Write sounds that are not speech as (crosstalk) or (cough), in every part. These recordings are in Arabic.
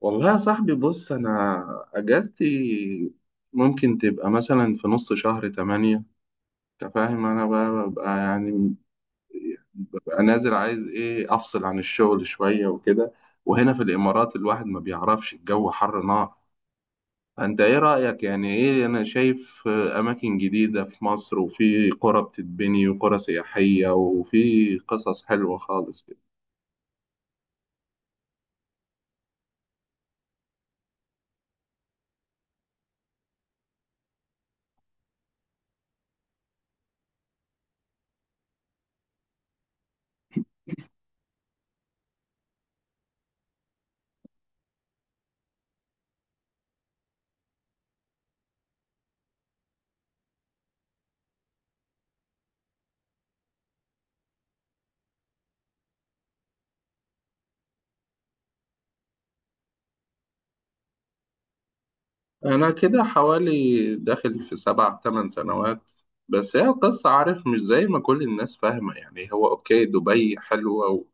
والله يا صاحبي، بص أنا أجازتي ممكن تبقى مثلا في نص شهر تمانية. أنت فاهم، أنا بقى ببقى ببقى نازل، عايز إيه أفصل عن الشغل شوية وكده. وهنا في الإمارات الواحد ما بيعرفش، الجو حر نار. فأنت إيه رأيك؟ يعني إيه أنا شايف أماكن جديدة في مصر، وفي قرى بتتبني وقرى سياحية، وفي قصص حلوة خالص. أنا كده حوالي داخل في 7 8 سنوات. بس هي القصة، عارف، مش زي ما كل الناس فاهمة. يعني هو أوكي دبي حلوة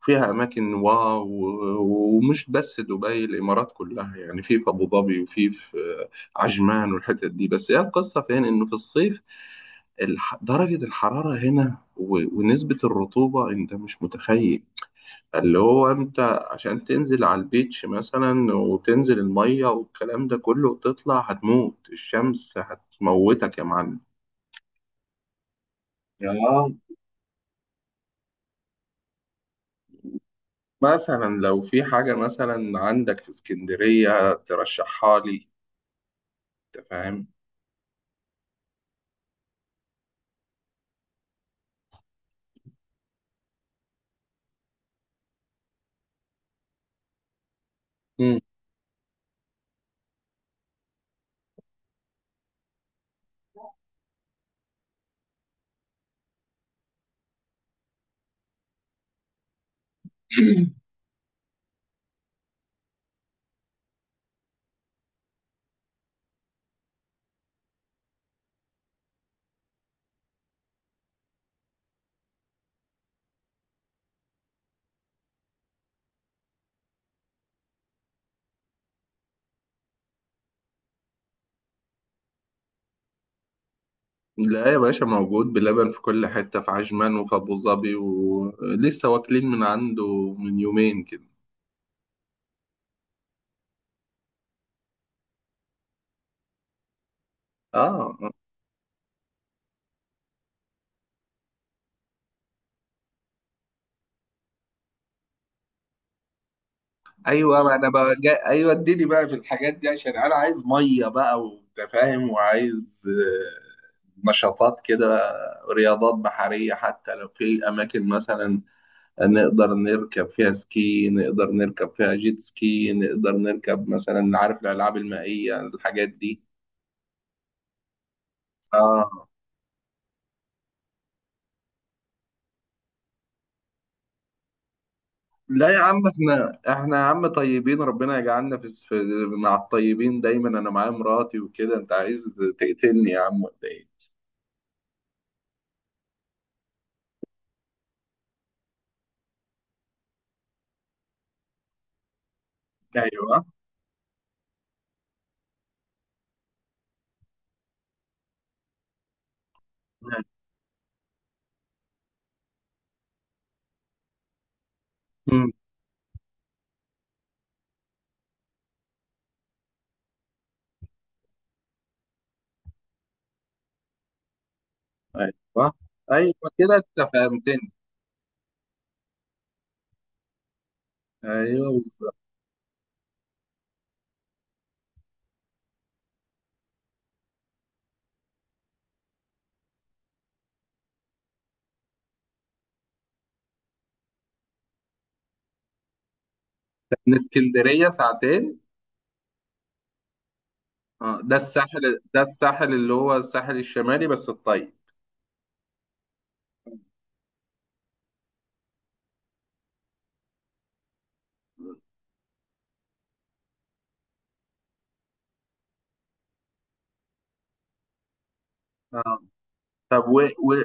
وفيها أماكن واو، ومش بس دبي، الإمارات كلها، يعني في أبو ظبي وفي عجمان والحتت دي. بس هي القصة فين؟ إنه في الصيف درجة الحرارة هنا ونسبة الرطوبة أنت مش متخيل. اللي هو انت عشان تنزل على البيتش مثلا وتنزل المية والكلام ده كله، وتطلع هتموت، الشمس هتموتك يا معلم. يا مثلا لو في حاجة مثلا عندك في اسكندرية ترشحها لي، انت فاهم. مم. (clears throat) لا يا باشا، موجود، بلبن في كل حتة، في عجمان وفي أبو ظبي، ولسه واكلين من عنده من 2 يومين كده. اه. ايوه، ما انا بقى ايوه اديني بقى في الحاجات دي، عشان انا عايز ميه بقى وانت فاهم. وعايز نشاطات كده، رياضات بحريه، حتى لو في اماكن مثلا نقدر نركب فيها سكي، نقدر نركب فيها جيت سكي، نقدر نركب مثلا، عارف، الالعاب المائيه، الحاجات دي. اه. لا يا عم، احنا يا عم طيبين، ربنا يجعلنا في مع الطيبين دايما. انا معايا مراتي وكده، انت عايز تقتلني يا عم ولا ايه؟ ايوه. ايوه. ايوه كده انت فهمتني. ايوه بالظبط. من اسكندريه ساعتين. اه ده الساحل، ده الساحل اللي هو الساحل الشمالي بس الطيب. اه. طب و...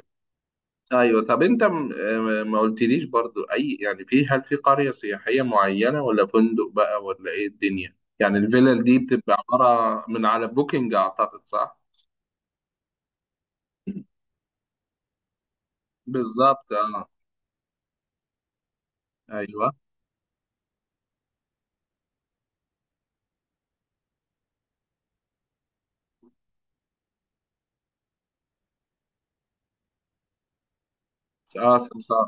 ايوه. طب انت م... آه، ما قلتليش برضو، اي يعني، في، هل في قريه سياحيه معينه ولا فندق بقى ولا ايه الدنيا؟ يعني الفيلل دي بتبقى عباره من على بوكينج، اعتقد، صح؟ بالظبط اه. ايوه. اه سمسار.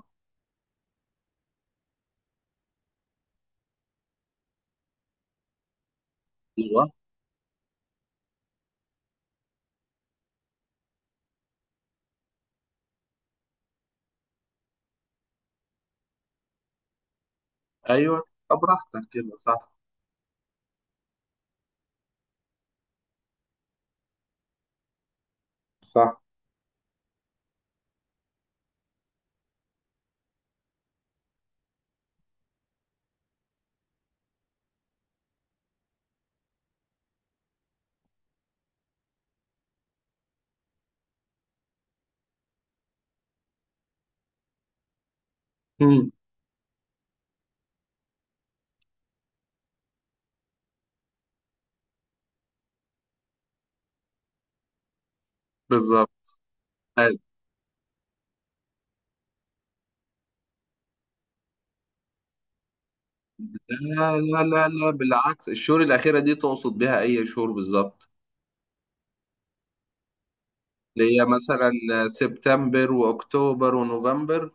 ايوه. ايوه طب براحتك كده صح. صح. مم. بالظبط. لا. لا لا لا، بالعكس. الشهور الأخيرة دي تقصد بيها أي شهور بالظبط؟ اللي هي مثلا سبتمبر وأكتوبر ونوفمبر.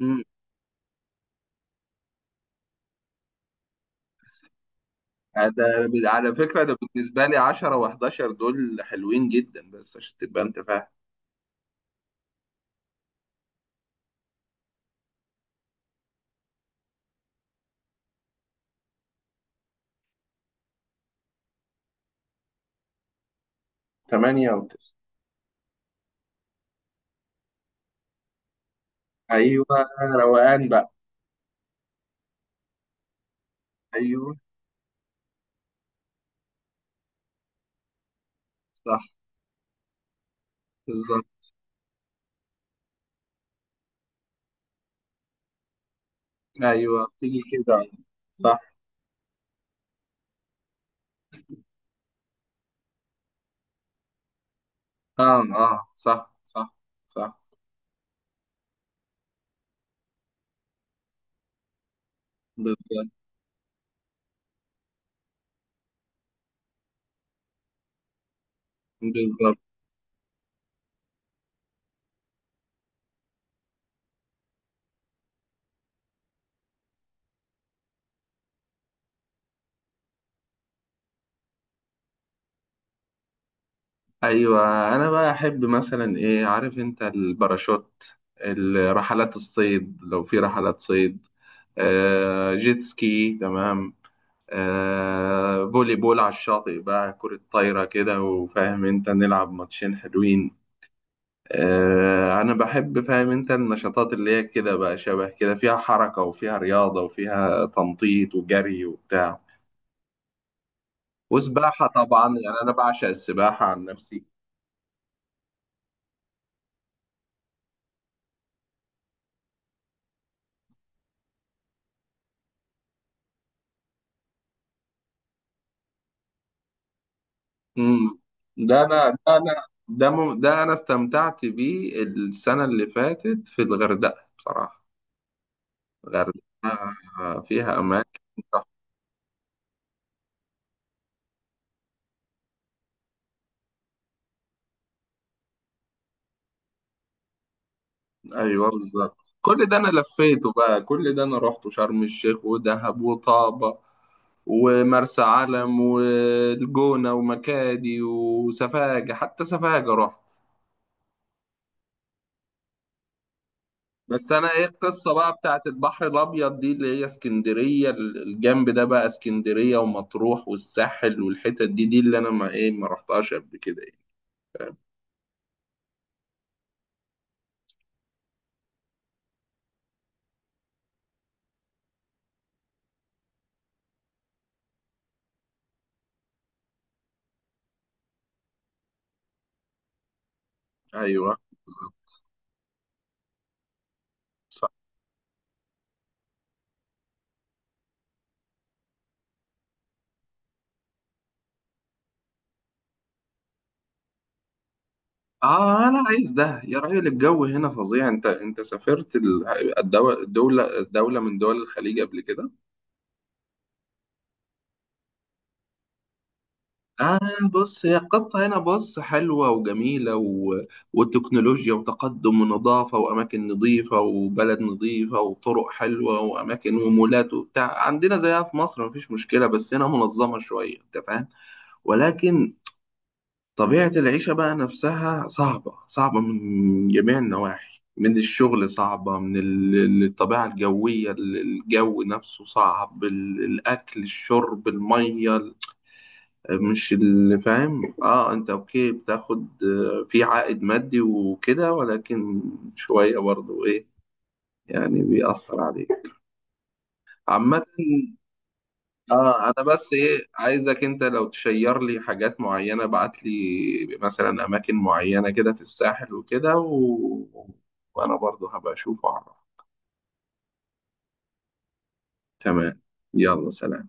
مم. ده على فكرة ده بالنسبة لي 10 و11 دول حلوين جدا، بس عشان تبقى أنت فاهم. 8 و9. أيوه. روقان بقى. أيوه. صح. بالظبط. أيوه بتيجي كده. صح. آه آه صح صح. صح. بالظبط. بالظبط. ايوه انا بقى احب مثلا ايه، عارف انت، الباراشوت، الرحلات، الصيد لو في رحلات صيد، آه جيت سكي، تمام، آه فولي بول على الشاطئ بقى، كرة طايرة كده، وفاهم انت نلعب ماتشين حلوين. آه انا بحب، فاهم انت، النشاطات اللي هي كده بقى، شبه كده فيها حركة وفيها رياضة وفيها تنطيط وجري وبتاع وسباحة طبعا. يعني انا بعشق السباحة عن نفسي. امم. ده انا ده انا ده انا استمتعت بيه السنه اللي فاتت في الغردقه بصراحه. الغردقه فيها اماكن تحفة. ايوه بالظبط، كل ده انا لفيته بقى، كل ده انا رحت شرم الشيخ ودهب وطابه ومرسى علم والجونه ومكادي وسفاجه، حتى سفاجه رحت. بس انا ايه القصه بقى بتاعت البحر الابيض دي، اللي هي اسكندريه الجنب ده بقى، اسكندريه ومطروح والساحل والحتت دي، دي اللي انا ما رحتهاش قبل كده، ايه، فاهم. ايوه بالظبط. صح. اه انا عايز ده يا راجل، الجو هنا فظيع. انت سافرت الدوله، دوله من دول الخليج قبل كده؟ آه. بص هي القصة هنا، بص، حلوة وجميلة وتكنولوجيا وتقدم ونظافة وأماكن نظيفة وبلد نظيفة وطرق حلوة وأماكن ومولات وبتاع، عندنا زيها في مصر مفيش مشكلة، بس هنا منظمة شوية أنت فاهم. ولكن طبيعة العيشة بقى نفسها صعبة، صعبة من جميع النواحي، من الشغل صعبة، من الطبيعة الجوية، الجو نفسه صعب، الأكل الشرب المية، مش اللي فاهم. اه انت اوكي بتاخد في عائد مادي وكده، ولكن شوية برضو ايه، يعني بيأثر عليك عامة. اه انا بس ايه عايزك انت لو تشير لي حاجات معينة، ابعت لي مثلا اماكن معينة كده في الساحل وكده وانا برضو هبقى اشوف واعرف. تمام. يلا سلام.